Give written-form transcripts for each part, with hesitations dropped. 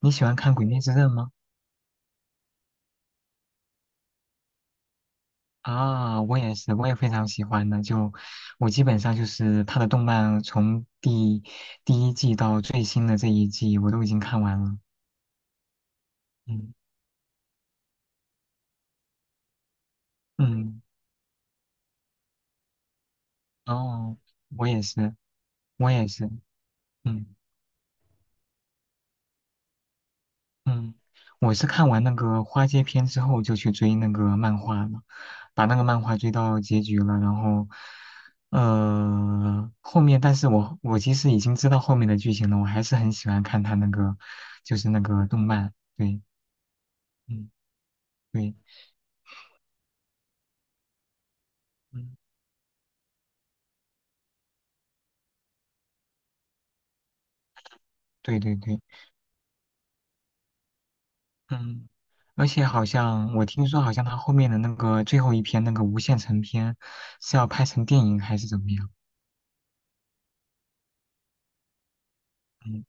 你喜欢看《鬼灭之刃》吗？啊，我也是，我也非常喜欢的。就我基本上就是他的动漫，从第一季到最新的这一季，我都已经看完了。嗯嗯，哦，我也是，我也是，嗯。嗯，我是看完那个花街篇之后就去追那个漫画了，把那个漫画追到结局了，然后，后面但是我其实已经知道后面的剧情了，我还是很喜欢看他那个，就是那个动漫，对，嗯，对，嗯，对对对，嗯，而且好像我听说好像他后面的那个最后一篇那个无限城篇是要拍成电影还是怎么样？嗯，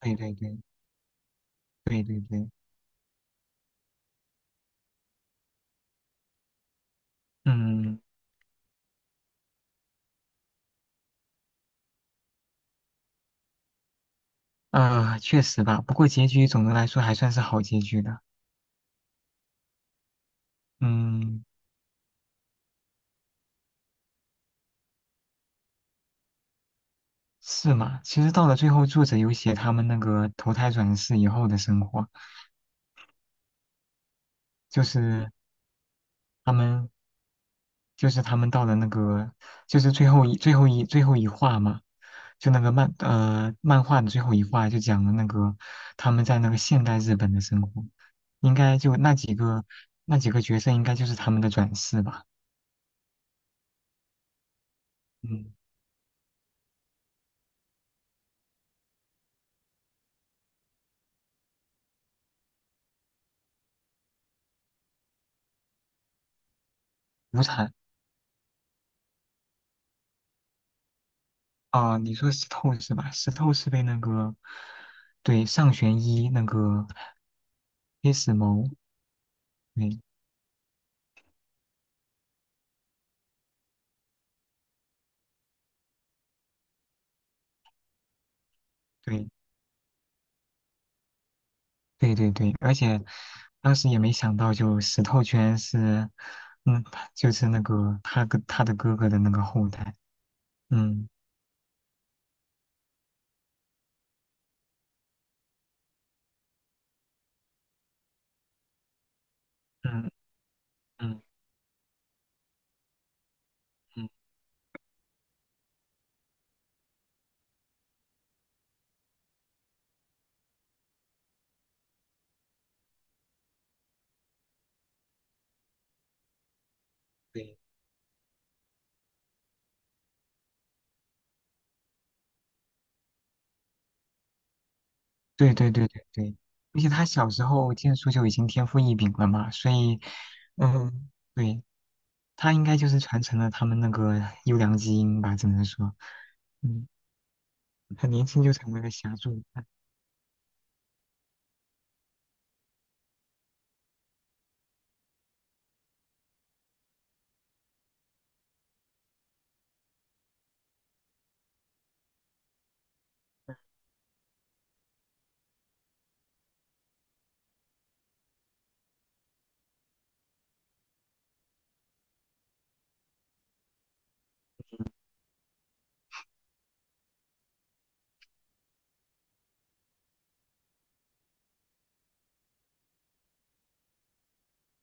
对对对对对对，嗯。啊，确实吧，不过结局总的来说还算是好结局的。嗯，是吗？其实到了最后，作者有写他们那个投胎转世以后的生活，就是他们，就是他们到了那个，就是最后一话嘛，就那个漫画的最后一话就讲了那个他们在那个现代日本的生活，应该就那几个角色应该就是他们的转世吧。嗯，无惨。啊，你说石头是吧？石头是被那个，对，上弦一那个黑死谋，对对对对对，而且当时也没想到，就石头居然是，嗯，他就是那个他跟他的哥哥的那个后代，嗯嗯嗯嗯，对对对对对对，而且他小时候剑术就已经天赋异禀了嘛，所以，嗯，对，他应该就是传承了他们那个优良基因吧，只能说，嗯。很年轻就成为了侠柱。啊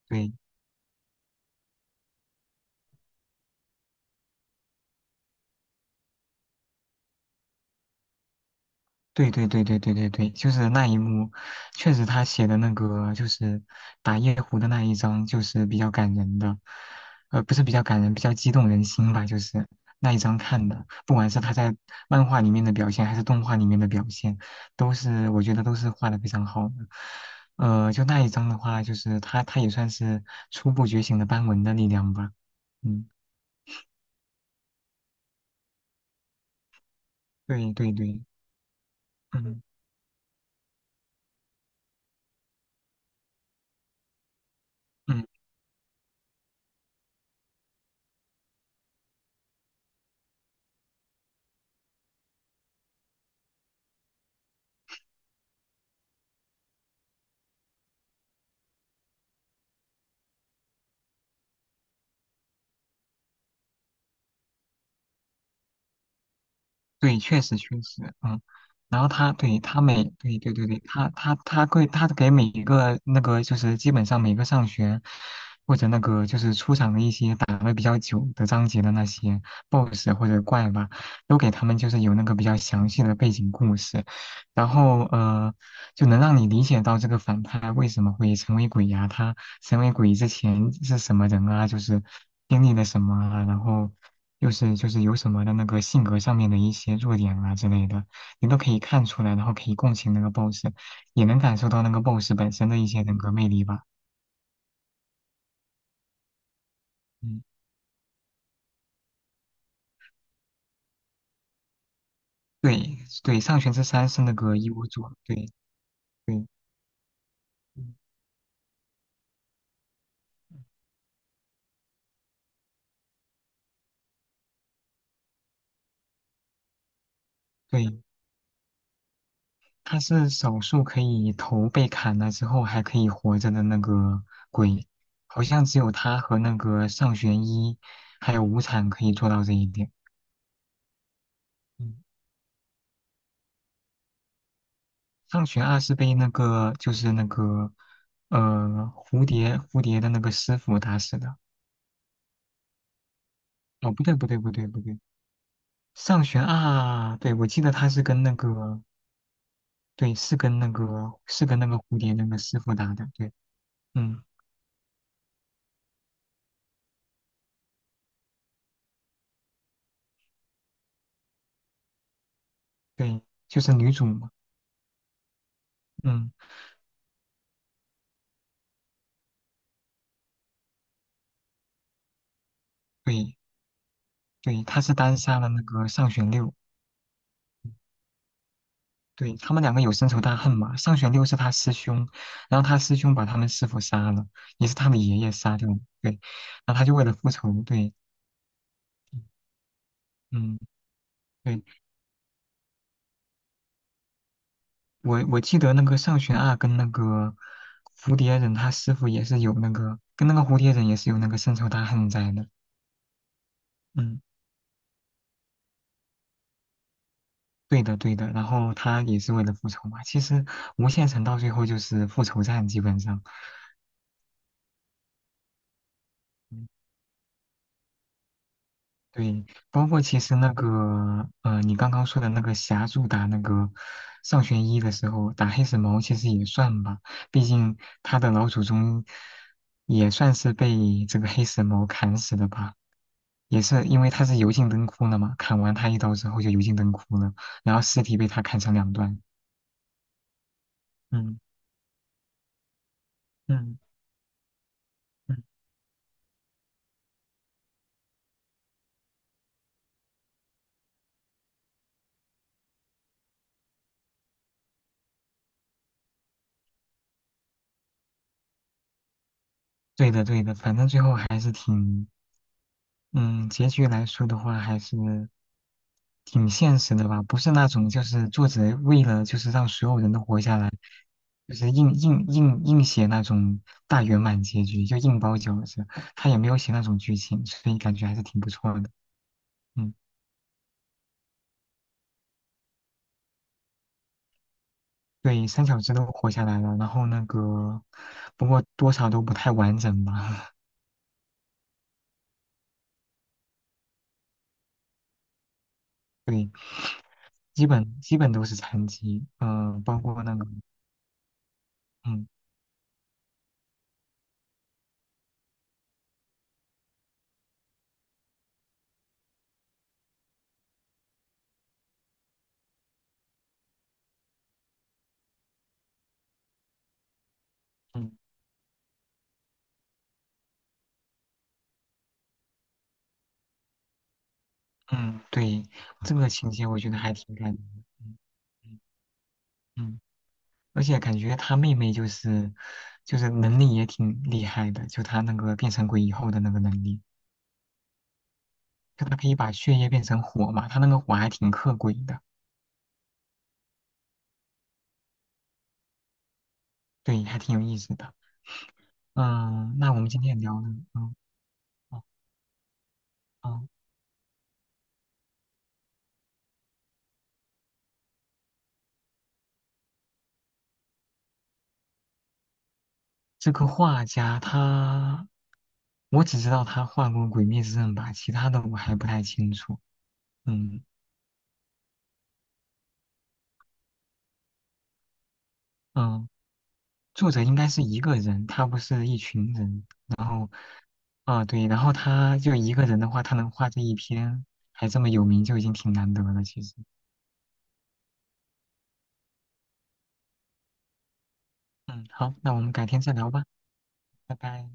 对，对对对对对对对，就是那一幕，确实他写的那个就是打夜壶的那一章，就是比较感人的，不是比较感人，比较激动人心吧，就是那一章看的，不管是他在漫画里面的表现，还是动画里面的表现，都是我觉得都是画的非常好的。就那一章的话，就是他也算是初步觉醒的斑纹的力量吧。嗯，对对对，嗯嗯。对，确实确实，嗯，然后他对他每对对对对，他给每一个那个就是基本上每个上学或者那个就是出场的一些打的比较久的章节的那些 BOSS 或者怪吧，都给他们就是有那个比较详细的背景故事，然后就能让你理解到这个反派为什么会成为鬼呀、他成为鬼之前是什么人啊，就是经历了什么啊，然后。就是有什么的那个性格上面的一些弱点啊之类的，你都可以看出来，然后可以共情那个 boss，也能感受到那个 boss 本身的一些人格魅力吧。嗯，对对，上弦之三是那个一无佐，对对嗯对，他是少数可以头被砍了之后还可以活着的那个鬼，好像只有他和那个上弦一还有无惨可以做到这一点。嗯上学二是被那个就是那个呃蝴蝶的那个师傅打死的。哦，不对不对不对不对，上学二，对，我记得他是跟那个，对，是跟那个蝴蝶那个师傅打的。对，嗯，对，就是女主嘛。嗯，对对，他是单杀了那个上弦六。对，他们两个有深仇大恨嘛。上弦六是他师兄，然后他师兄把他们师傅杀了，也是他的爷爷杀掉的。对，然后他就为了复仇，对，嗯。对，我记得那个上弦二跟那个蝴蝶忍他师傅也是有那个，跟那个蝴蝶忍也是有那个深仇大恨在的。嗯，对的对的。然后他也是为了复仇嘛。其实无限城到最后就是复仇战，基本上。嗯对，包括其实那个你刚刚说的那个霞柱打那个上弦一的时候，打黑死毛其实也算吧，毕竟他的老祖宗也算是被这个黑死毛砍死的吧，也是因为他是油尽灯枯了嘛，砍完他一刀之后就油尽灯枯了，然后尸体被他砍成两段。嗯嗯嗯，对的对的，反正最后还是挺，嗯，结局来说的话还是。挺现实的吧，不是那种就是作者为了就是让所有人都活下来，就是硬写那种大圆满结局，就硬包饺子，他也没有写那种剧情，所以感觉还是挺不错的。嗯，对，三小只都活下来了，然后那个不过多少都不太完整吧，对，基本都是残疾，嗯、包括那个，嗯嗯嗯，对，这个情节我觉得还挺感人的，嗯嗯嗯。而且感觉他妹妹就是能力也挺厉害的，就他那个变成鬼以后的那个能力，就他可以把血液变成火嘛，他那个火还挺克鬼的，对，还挺有意思的。嗯，那我们今天聊的，嗯哦哦，这个画家他，我只知道他画过《鬼灭之刃》吧，其他的我还不太清楚。嗯嗯。作者应该是一个人，他不是一群人。然后，啊、对，然后他就一个人的话，他能画这一篇，还这么有名，就已经挺难得了。其实，嗯，好，那我们改天再聊吧，拜拜。